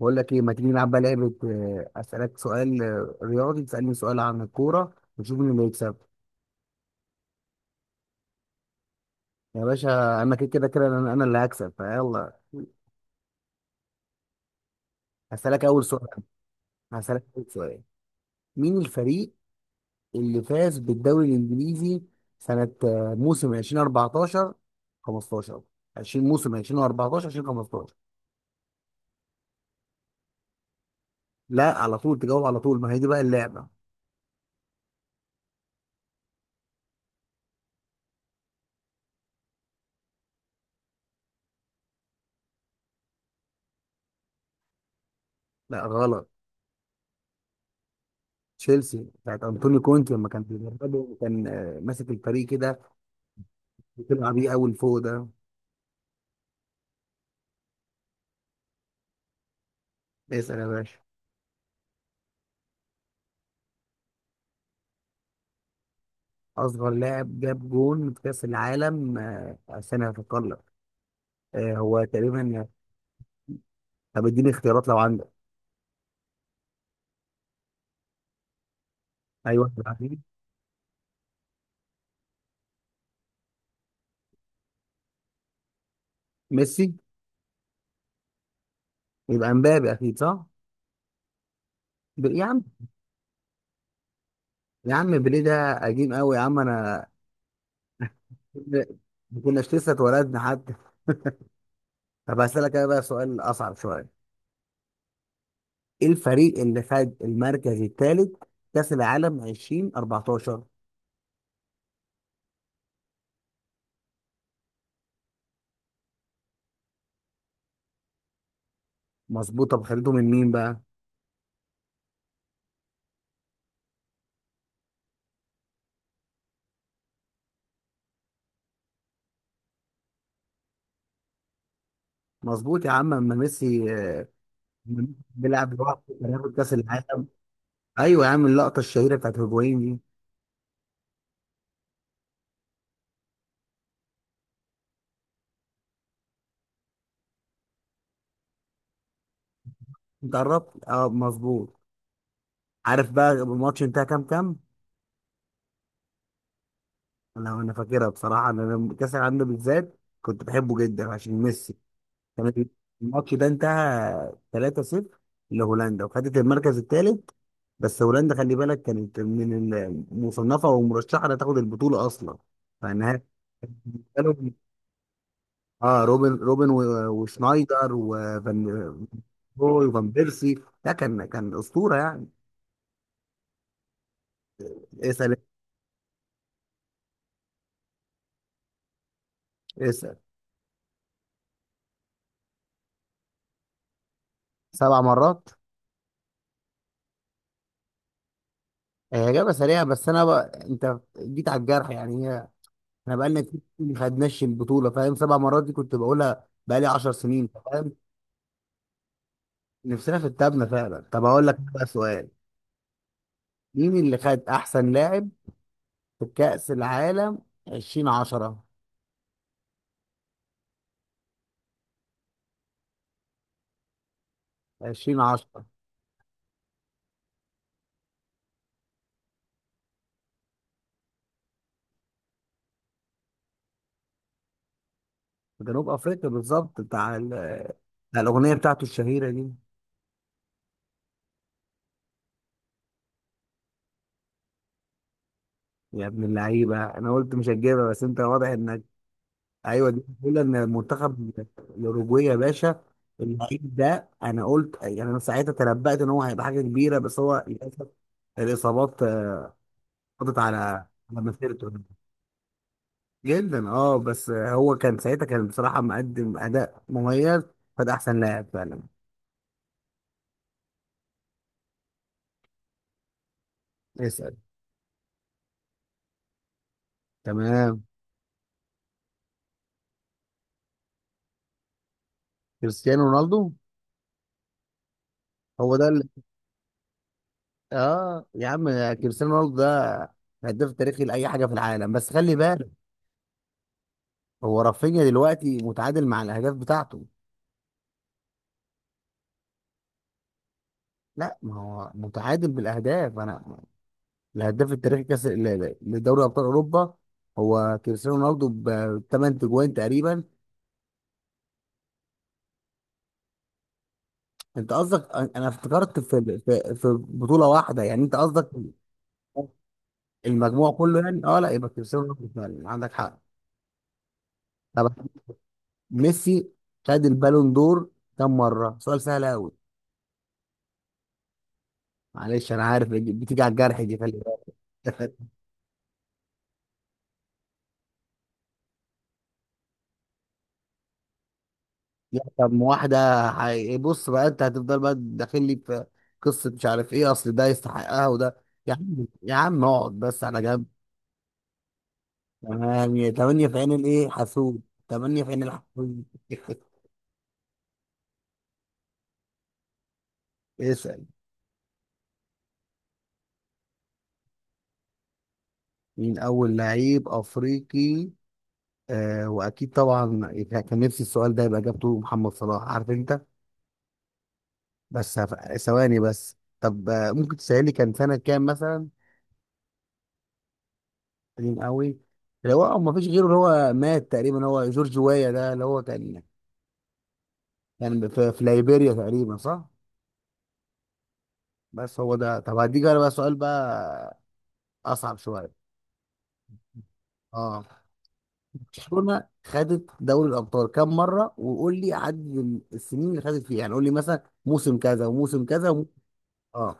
بقول لك ايه، ما تيجي نلعب بقى لعبه. اسالك سؤال رياضي تسالني سؤال عن الكوره ونشوف مين اللي يكسب. يا باشا انا كده كده كده أنا اللي هكسب فيلا. هسالك اول سؤال هسالك اول سؤال. مين الفريق اللي فاز بالدوري الانجليزي؟ سنه، موسم 2014 15 20 موسم 2014 2015. لا، على طول تجاوب، على طول، ما هي دي بقى اللعبه. لا غلط. تشيلسي بتاعت انطونيو كونتي، لما كان بيدربه كان ماسك الفريق كده. بتبقى بيه أول فوق ده. اسأل يا باشا. أصغر لاعب جاب جون في كأس العالم، استنى هفكر لك. هو تقريبا. طب اديني اختيارات لو عندك. أيوه أكيد. ميسي. يبقى مبابي أكيد صح؟ يا عم، يا عم بيليه ده قديم أوي يا عم. أنا ما كناش لسه اتولدنا حتى. طب هسألك أنا بقى سؤال أصعب شوية. إيه الفريق اللي خد المركز الثالث كأس العالم 2014؟ مظبوط. طب خدته من مين بقى؟ مظبوط يا عم، اما ميسي بيلعب لوحده كان هياخد كاس العالم. ايوه يا عم، اللقطه الشهيره بتاعت هيجوين دي. انت قربت، اه مظبوط. عارف بقى الماتش انتهى كام كام؟ انا انا فاكرها بصراحه، انا لما كاس العالم ده بالذات كنت بحبه جدا عشان ميسي كان. الماتش ده انتهى 3-0 لهولندا، وخدت المركز الثالث. بس هولندا خلي بالك كانت من المصنفه ومرشحه انها تاخد البطوله اصلا فانها. اه روبن، وشنايدر وفان روي وفان بيرسي. ده كان اسطوره يعني. اسال. اسال. سبع مرات. هي اجابه سريعه، بس انا بقى انت جيت على الجرح يعني هي. احنا بقالنا كتير ما خدناش البطوله، فاهم؟ سبع مرات دي كنت بقولها بقالي 10 سنين، فاهم؟ نفسنا في التابنه فعلا. طب هقول لك بقى سؤال. مين اللي خد احسن لاعب في كاس العالم 2010؟ 2010 في جنوب افريقيا بالظبط، بتاع بتاع الاغنيه بتاعته الشهيره دي. يا ابن اللعيبه، انا قلت مش هتجيبها بس انت واضح انك. ايوه، دي بقول ان المنتخب الاوروجواي يا باشا. اللعيب ده انا قلت يعني، انا ساعتها تنبأت ان هو هيبقى حاجه كبيره، بس هو للاسف الاصابات قضت على مسيرته جدا. اه بس هو كان ساعتها كان بصراحه مقدم اداء مميز، فده احسن لاعب فعلا. اسال. تمام. كريستيانو رونالدو. هو ده اللي. اه يا عم كريستيانو رونالدو ده هداف تاريخي لاي حاجه في العالم، بس خلي بالك هو رافينيا دلوقتي متعادل مع الاهداف بتاعته. لا، ما هو متعادل بالاهداف. انا الهداف التاريخي كاس لدوري ابطال اوروبا هو كريستيانو رونالدو، ب 8 تجوان تقريبا. انت قصدك، أنا افتكرت في بطوله واحده يعني، انت قصدك المجموع كله يعني. اه، لا يبقى كريستيانو رونالدو فعلا، عندك حق. طب ميسي خد البالون دور كم مره؟ سؤال سهل قوي. معلش انا عارف بتيجي على الجرح دي، خلي بالك. لا طب ما واحدة، بص بقى، انت هتفضل بقى داخل لي في قصة مش عارف ايه، اصل ده يستحقها وده. يا عم، يا عم، اقعد بس على جنب. تمام. تمانية في عين الايه حسود. تمانية في عين الحسود. اسأل. مين أول لعيب أفريقي؟ آه وأكيد طبعا، كان نفسي السؤال ده يبقى إجابته محمد صلاح عارف أنت. بس ثواني بس. طب آه ممكن تسألي كان سنة كام مثلا. قديم قوي. اللي هو ما فيش غيره، اللي هو مات تقريبا، هو جورج وايا ده اللي هو كان يعني في ليبيريا تقريبا صح. بس هو ده. طب هديك انا بقى سؤال بقى اصعب شويه. اه. برشلونه خدت دوري الابطال كام مره؟ وقول لي عدد السنين اللي خدت فيها، يعني قول لي مثلا موسم كذا وموسم كذا وم... اه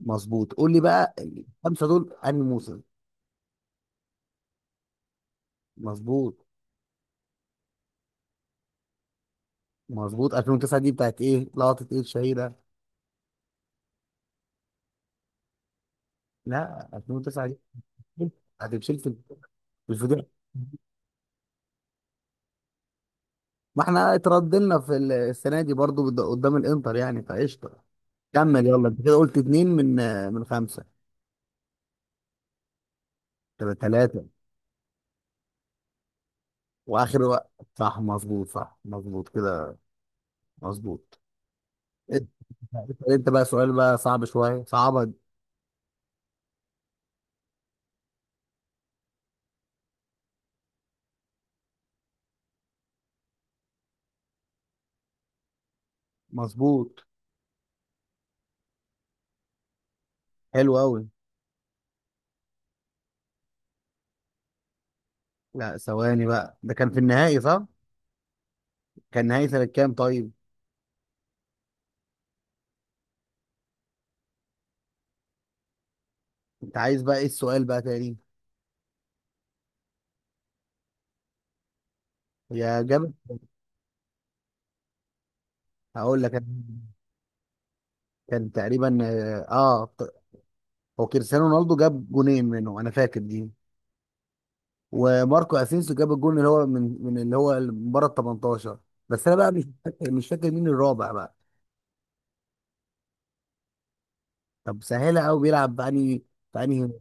مظبوط. قول لي بقى الخمسه دول انهي موسم. مظبوط. مظبوط. 2009 دي بتاعت ايه لقطه ايه الشهيره؟ لا 2009 دي هتتشيل في الفضيحه. ما احنا اتردلنا في السنه دي برضو، قدام الانتر يعني فقشطه. كمل يلا، انت كده قلت اتنين من من خمسة. تبقى تلاتة. واخر وقت. صح مظبوط، صح مظبوط كده. مظبوط. انت انت بقى سؤال بقى صعب شوية صعبة. مظبوط. حلو قوي. لا ثواني بقى، ده كان في النهائي صح؟ كان نهائي سنة كام طيب؟ انت عايز بقى ايه السؤال بقى تاني؟ يا جاب. هقول لك انا. كان تقريبا اه، هو كريستيانو رونالدو جاب جونين منه انا فاكر دي. وماركو اسينسيو جاب الجون اللي هو من من اللي هو اللي من بره ال 18. بس انا بقى مش فاكر مين الرابع بقى. طب سهله قوي. بيلعب بأني، بأني.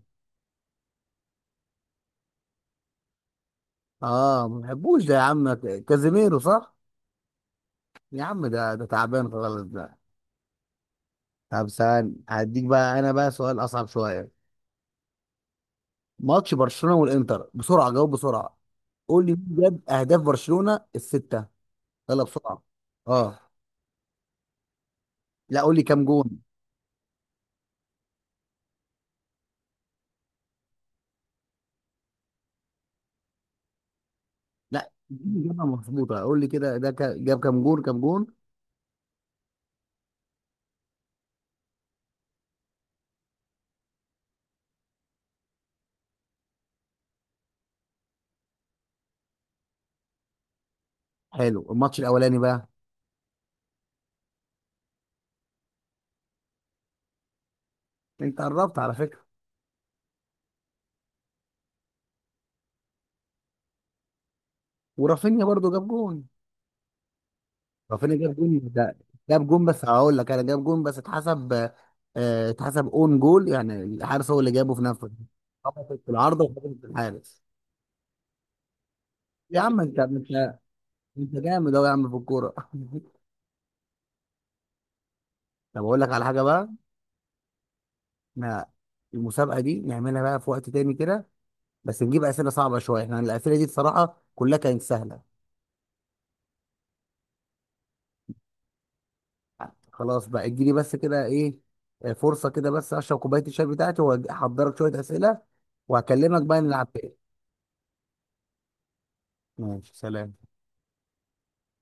اه ما بحبوش ده يا عم. كازيميرو صح. يا عم ده تعبان خالص ده. طب سهل، هديك بقى انا بقى سؤال اصعب شويه. ماتش برشلونه والانتر بسرعه، جاوب بسرعه. قول لي مين جاب اهداف برشلونه السته. يلا بسرعه. اه. لا قول لي كام جون. لا، دي اجابه مظبوطه، قول لي كده، ده جاب كام جون كام جون. حلو. الماتش الاولاني بقى. انت قربت على فكره. ورافينيا برضو جاب جون. رافينيا جاب جون ده جاب جون، بس هقول لك انا جاب جون بس اتحسب، اتحسب اون جول يعني الحارس هو اللي جابه في نفسه. خبطت في العارضه وخبطت في الحارس. يا عم انت انت جامد اهو يا عم في الكوره. طب اقول لك على حاجه بقى. احنا المسابقه دي نعملها بقى في وقت تاني كده، بس نجيب اسئله صعبه شويه. يعني الاسئله دي بصراحه كلها كانت سهله. خلاص بقى اديني بس كده ايه، فرصه كده بس اشرب كوبايه الشاي بتاعتي واحضرك شويه اسئله وهكلمك بقى نلعب تاني. ماشي، سلام.